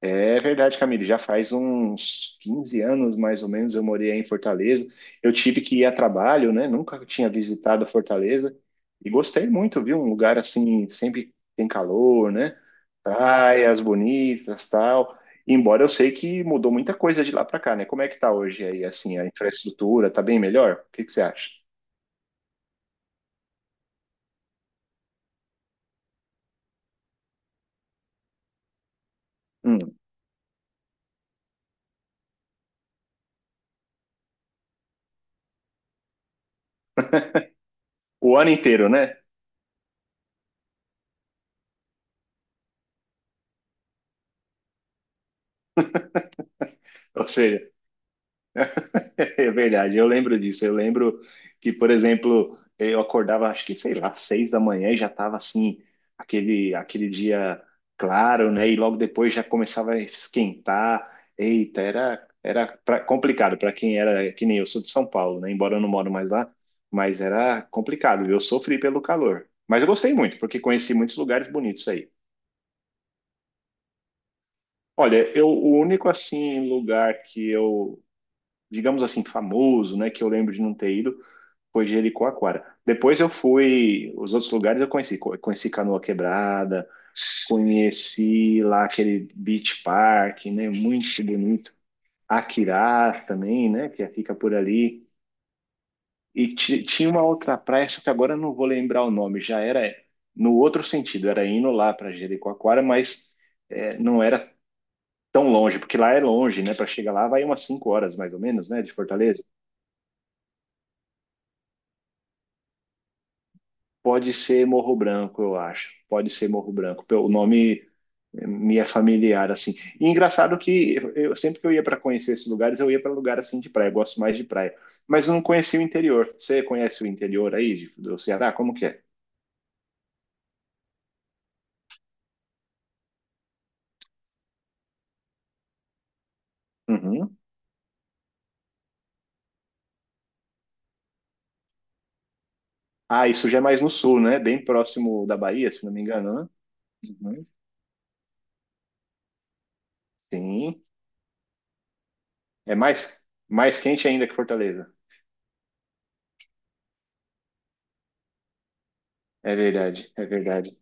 É verdade, Camille. Já faz uns 15 anos, mais ou menos, eu morei aí em Fortaleza. Eu tive que ir a trabalho, né? Nunca tinha visitado Fortaleza e gostei muito, viu? Um lugar assim, sempre tem calor, né? Praias bonitas, tal. Embora eu sei que mudou muita coisa de lá para cá, né? Como é que tá hoje aí, assim, a infraestrutura? Tá bem melhor? O que que você acha? Hum. O ano inteiro, né? Ou seja, é verdade, eu lembro disso. Eu lembro que, por exemplo, eu acordava, acho que, sei lá, 6 da manhã e já estava assim, aquele dia claro, né? E logo depois já começava a esquentar. Eita, era complicado para quem era, que nem eu sou de São Paulo, né? Embora eu não moro mais lá, mas era complicado. Eu sofri pelo calor. Mas eu gostei muito, porque conheci muitos lugares bonitos aí. Olha, eu, o único assim lugar que eu, digamos assim, famoso, né, que eu lembro de não ter ido foi Jericoacoara. Depois eu fui, os outros lugares eu conheci, conheci Canoa Quebrada, conheci lá aquele Beach Park, né? Muito bonito. Aquirá também, né? Que fica por ali. E tinha uma outra praia, só que agora eu não vou lembrar o nome. Já era no outro sentido, era indo lá para Jericoacoara, mas é, não era tão longe, porque lá é longe, né? Para chegar lá vai umas 5 horas mais ou menos, né? De Fortaleza. Pode ser Morro Branco, eu acho. Pode ser Morro Branco. O nome me é familiar assim. E engraçado que eu sempre que eu ia para conhecer esses lugares, eu ia para lugar assim de praia, eu gosto mais de praia, mas eu não conhecia o interior. Você conhece o interior aí do Ceará? Como que é? Uhum. Ah, isso já é mais no sul, né? Bem próximo da Bahia, se não me engano, né? Uhum. Sim. É mais quente ainda que Fortaleza. É verdade, é verdade.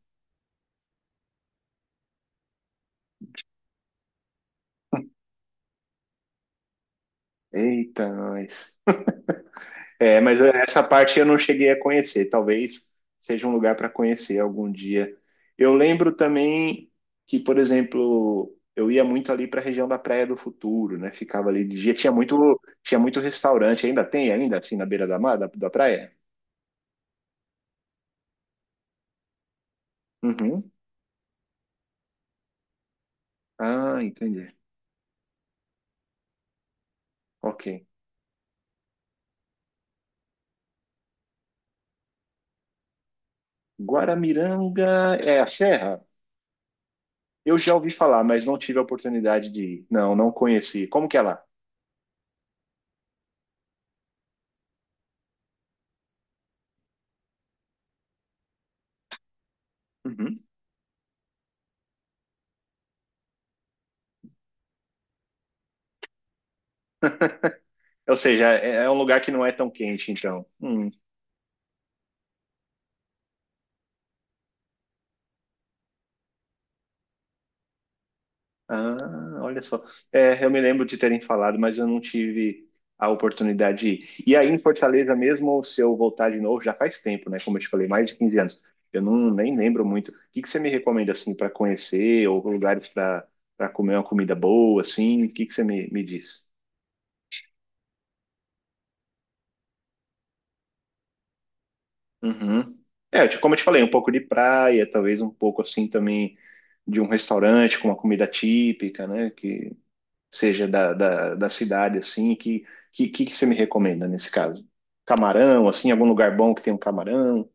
Eita, nós. É, mas essa parte eu não cheguei a conhecer. Talvez seja um lugar para conhecer algum dia. Eu lembro também que, por exemplo, eu ia muito ali para a região da Praia do Futuro, né? Ficava ali de dia. Tinha muito restaurante. Ainda tem, ainda assim, na beira da mar, da praia? Uhum. Ah, entendi. Ok. Guaramiranga é a serra? Eu já ouvi falar, mas não tive a oportunidade de ir. Não, não conheci. Como que é lá? Uhum. Ou seja, é, é um lugar que não é tão quente, então. Hum. Ah, olha só. É, eu me lembro de terem falado, mas eu não tive a oportunidade de ir. E aí em Fortaleza mesmo, se eu voltar de novo, já faz tempo, né? Como eu te falei, mais de 15 anos. Eu não nem lembro muito. O que que você me recomenda assim para conhecer ou lugares para comer uma comida boa assim? O que que você me, me diz? Uhum. É, eu como eu te falei, um pouco de praia, talvez um pouco assim também de um restaurante com uma comida típica, né? Seja da cidade, assim, que você me recomenda nesse caso? Camarão, assim, algum lugar bom que tem um camarão?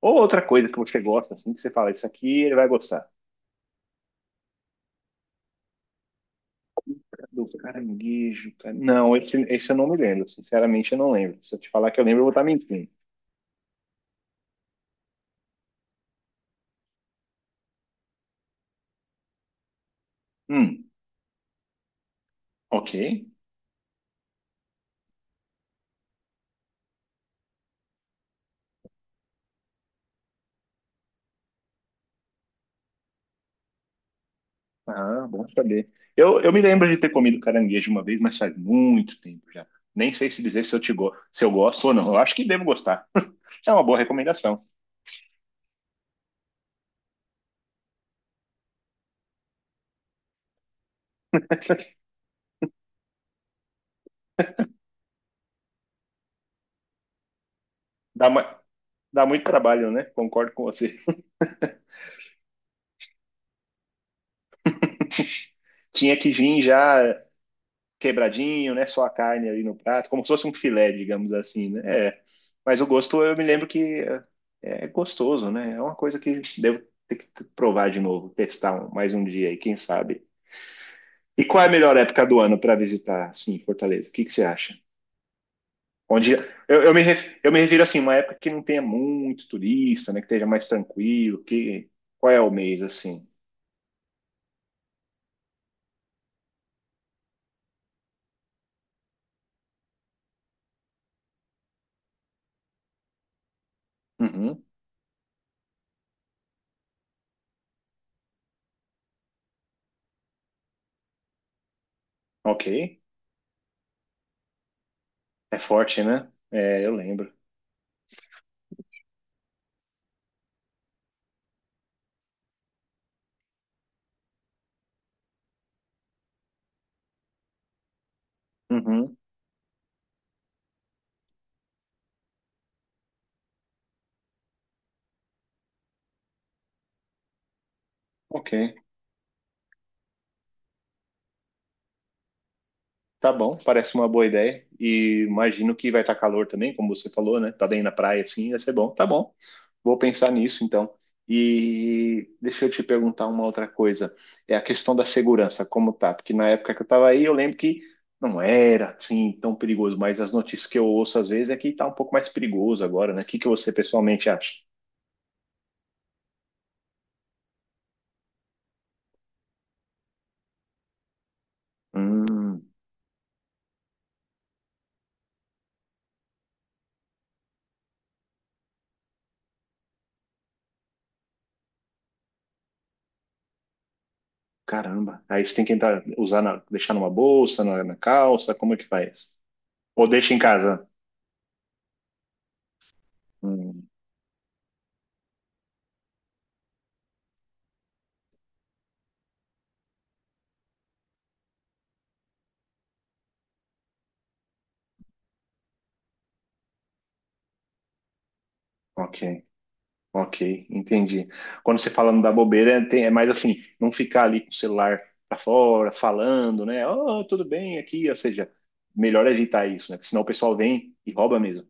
Ou outra coisa que você gosta, assim, que você fala, isso aqui ele vai gostar. Do caranguejo, cara... Não, esse eu não me lembro, sinceramente eu não lembro. Se eu te falar que eu lembro, eu vou estar mentindo. Hum, ok. Ah, bom saber. Eu me lembro de ter comido caranguejo uma vez, mas faz muito tempo já. Nem sei se dizer se eu, te go... se eu gosto ou não. Eu acho que devo gostar. É uma boa recomendação. Dá uma... dá muito trabalho, né? Concordo com você. Tinha que vir já quebradinho, né? Só a carne ali no prato, como se fosse um filé, digamos assim, né? É. Mas o gosto, eu me lembro que é gostoso, né? É uma coisa que devo ter que provar de novo, mais um dia aí, quem sabe. E qual é a melhor época do ano para visitar, assim, Fortaleza? O que que você acha? Onde eu me refiro assim, uma época que não tenha muito turista, né? Que esteja mais tranquilo. Que Qual é o mês assim? Uhum, ok. É forte, né? É, eu lembro. Uhum. Ok. Tá bom, parece uma boa ideia. E imagino que vai estar calor também, como você falou, né? Tá bem na praia assim, vai ser bom. Tá bom. Vou pensar nisso então. E deixa eu te perguntar uma outra coisa. É a questão da segurança, como tá? Porque na época que eu tava aí, eu lembro que não era assim tão perigoso, mas as notícias que eu ouço às vezes é que tá um pouco mais perigoso agora, né? O que que você pessoalmente acha? Hum. Caramba. Aí você tem que entrar, deixar numa bolsa, na calça, como é que faz? Ou deixa em casa? Hum, ok, ok, entendi. Quando você fala não dar bobeira, é, é mais assim, não ficar ali com o celular pra fora, falando, né? Oh, tudo bem aqui, ou seja, melhor evitar isso, né? Porque senão o pessoal vem e rouba mesmo.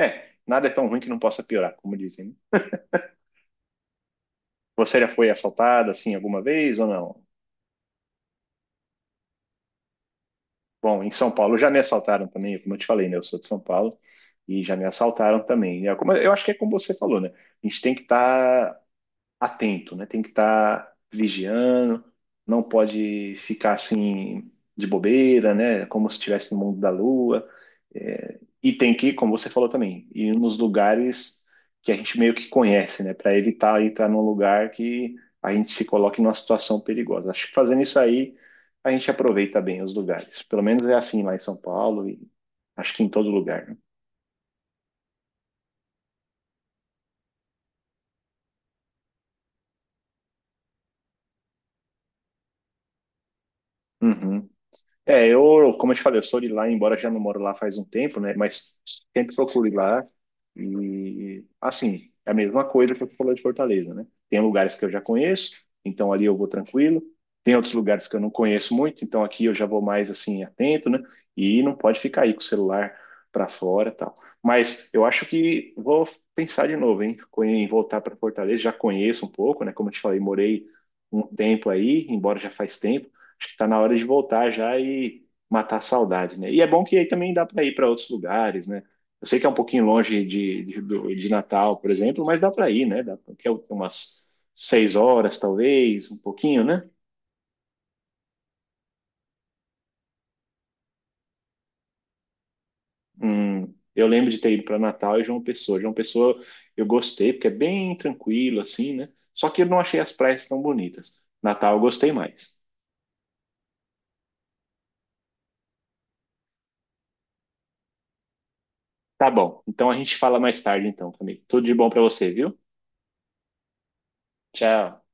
É, nada é tão ruim que não possa piorar, como dizem, né? Você já foi assaltada assim alguma vez ou não? Bom, em São Paulo já me assaltaram também, como eu te falei, né? Eu sou de São Paulo e já me assaltaram também. É como- eu acho que é como você falou, né? A gente tem que estar atento, né? Tem que estar vigiando, não pode ficar assim de bobeira, né? Como se estivesse no mundo da lua. É, e tem que, como você falou também, ir nos lugares que a gente meio que conhece, né? Para evitar entrar num lugar que a gente se coloque numa situação perigosa. Acho que fazendo isso aí, a gente aproveita bem os lugares. Pelo menos é assim lá em São Paulo e acho que em todo lugar, né? Uhum. É, eu, como eu te falei, eu sou de lá, embora já não moro lá faz um tempo, né? Mas sempre procuro ir lá. E, assim, é a mesma coisa que eu falei de Fortaleza, né? Tem lugares que eu já conheço, então ali eu vou tranquilo. Tem outros lugares que eu não conheço muito, então aqui eu já vou mais, assim, atento, né? E não pode ficar aí com o celular para fora e tal. Mas eu acho que vou pensar de novo, hein? Em voltar para Fortaleza, já conheço um pouco, né? Como eu te falei, morei um tempo aí, embora já faz tempo. Acho que tá na hora de voltar já e matar a saudade, né? E é bom que aí também dá para ir para outros lugares, né? Eu sei que é um pouquinho longe de Natal, por exemplo, mas dá para ir, né? Dá, que é umas 6 horas, talvez, um pouquinho, né? Eu lembro de ter ido para Natal e João Pessoa. João Pessoa eu gostei, porque é bem tranquilo, assim, né? Só que eu não achei as praias tão bonitas. Natal eu gostei mais. Tá bom, então a gente fala mais tarde, então, Camilo. Tudo de bom para você, viu? Tchau.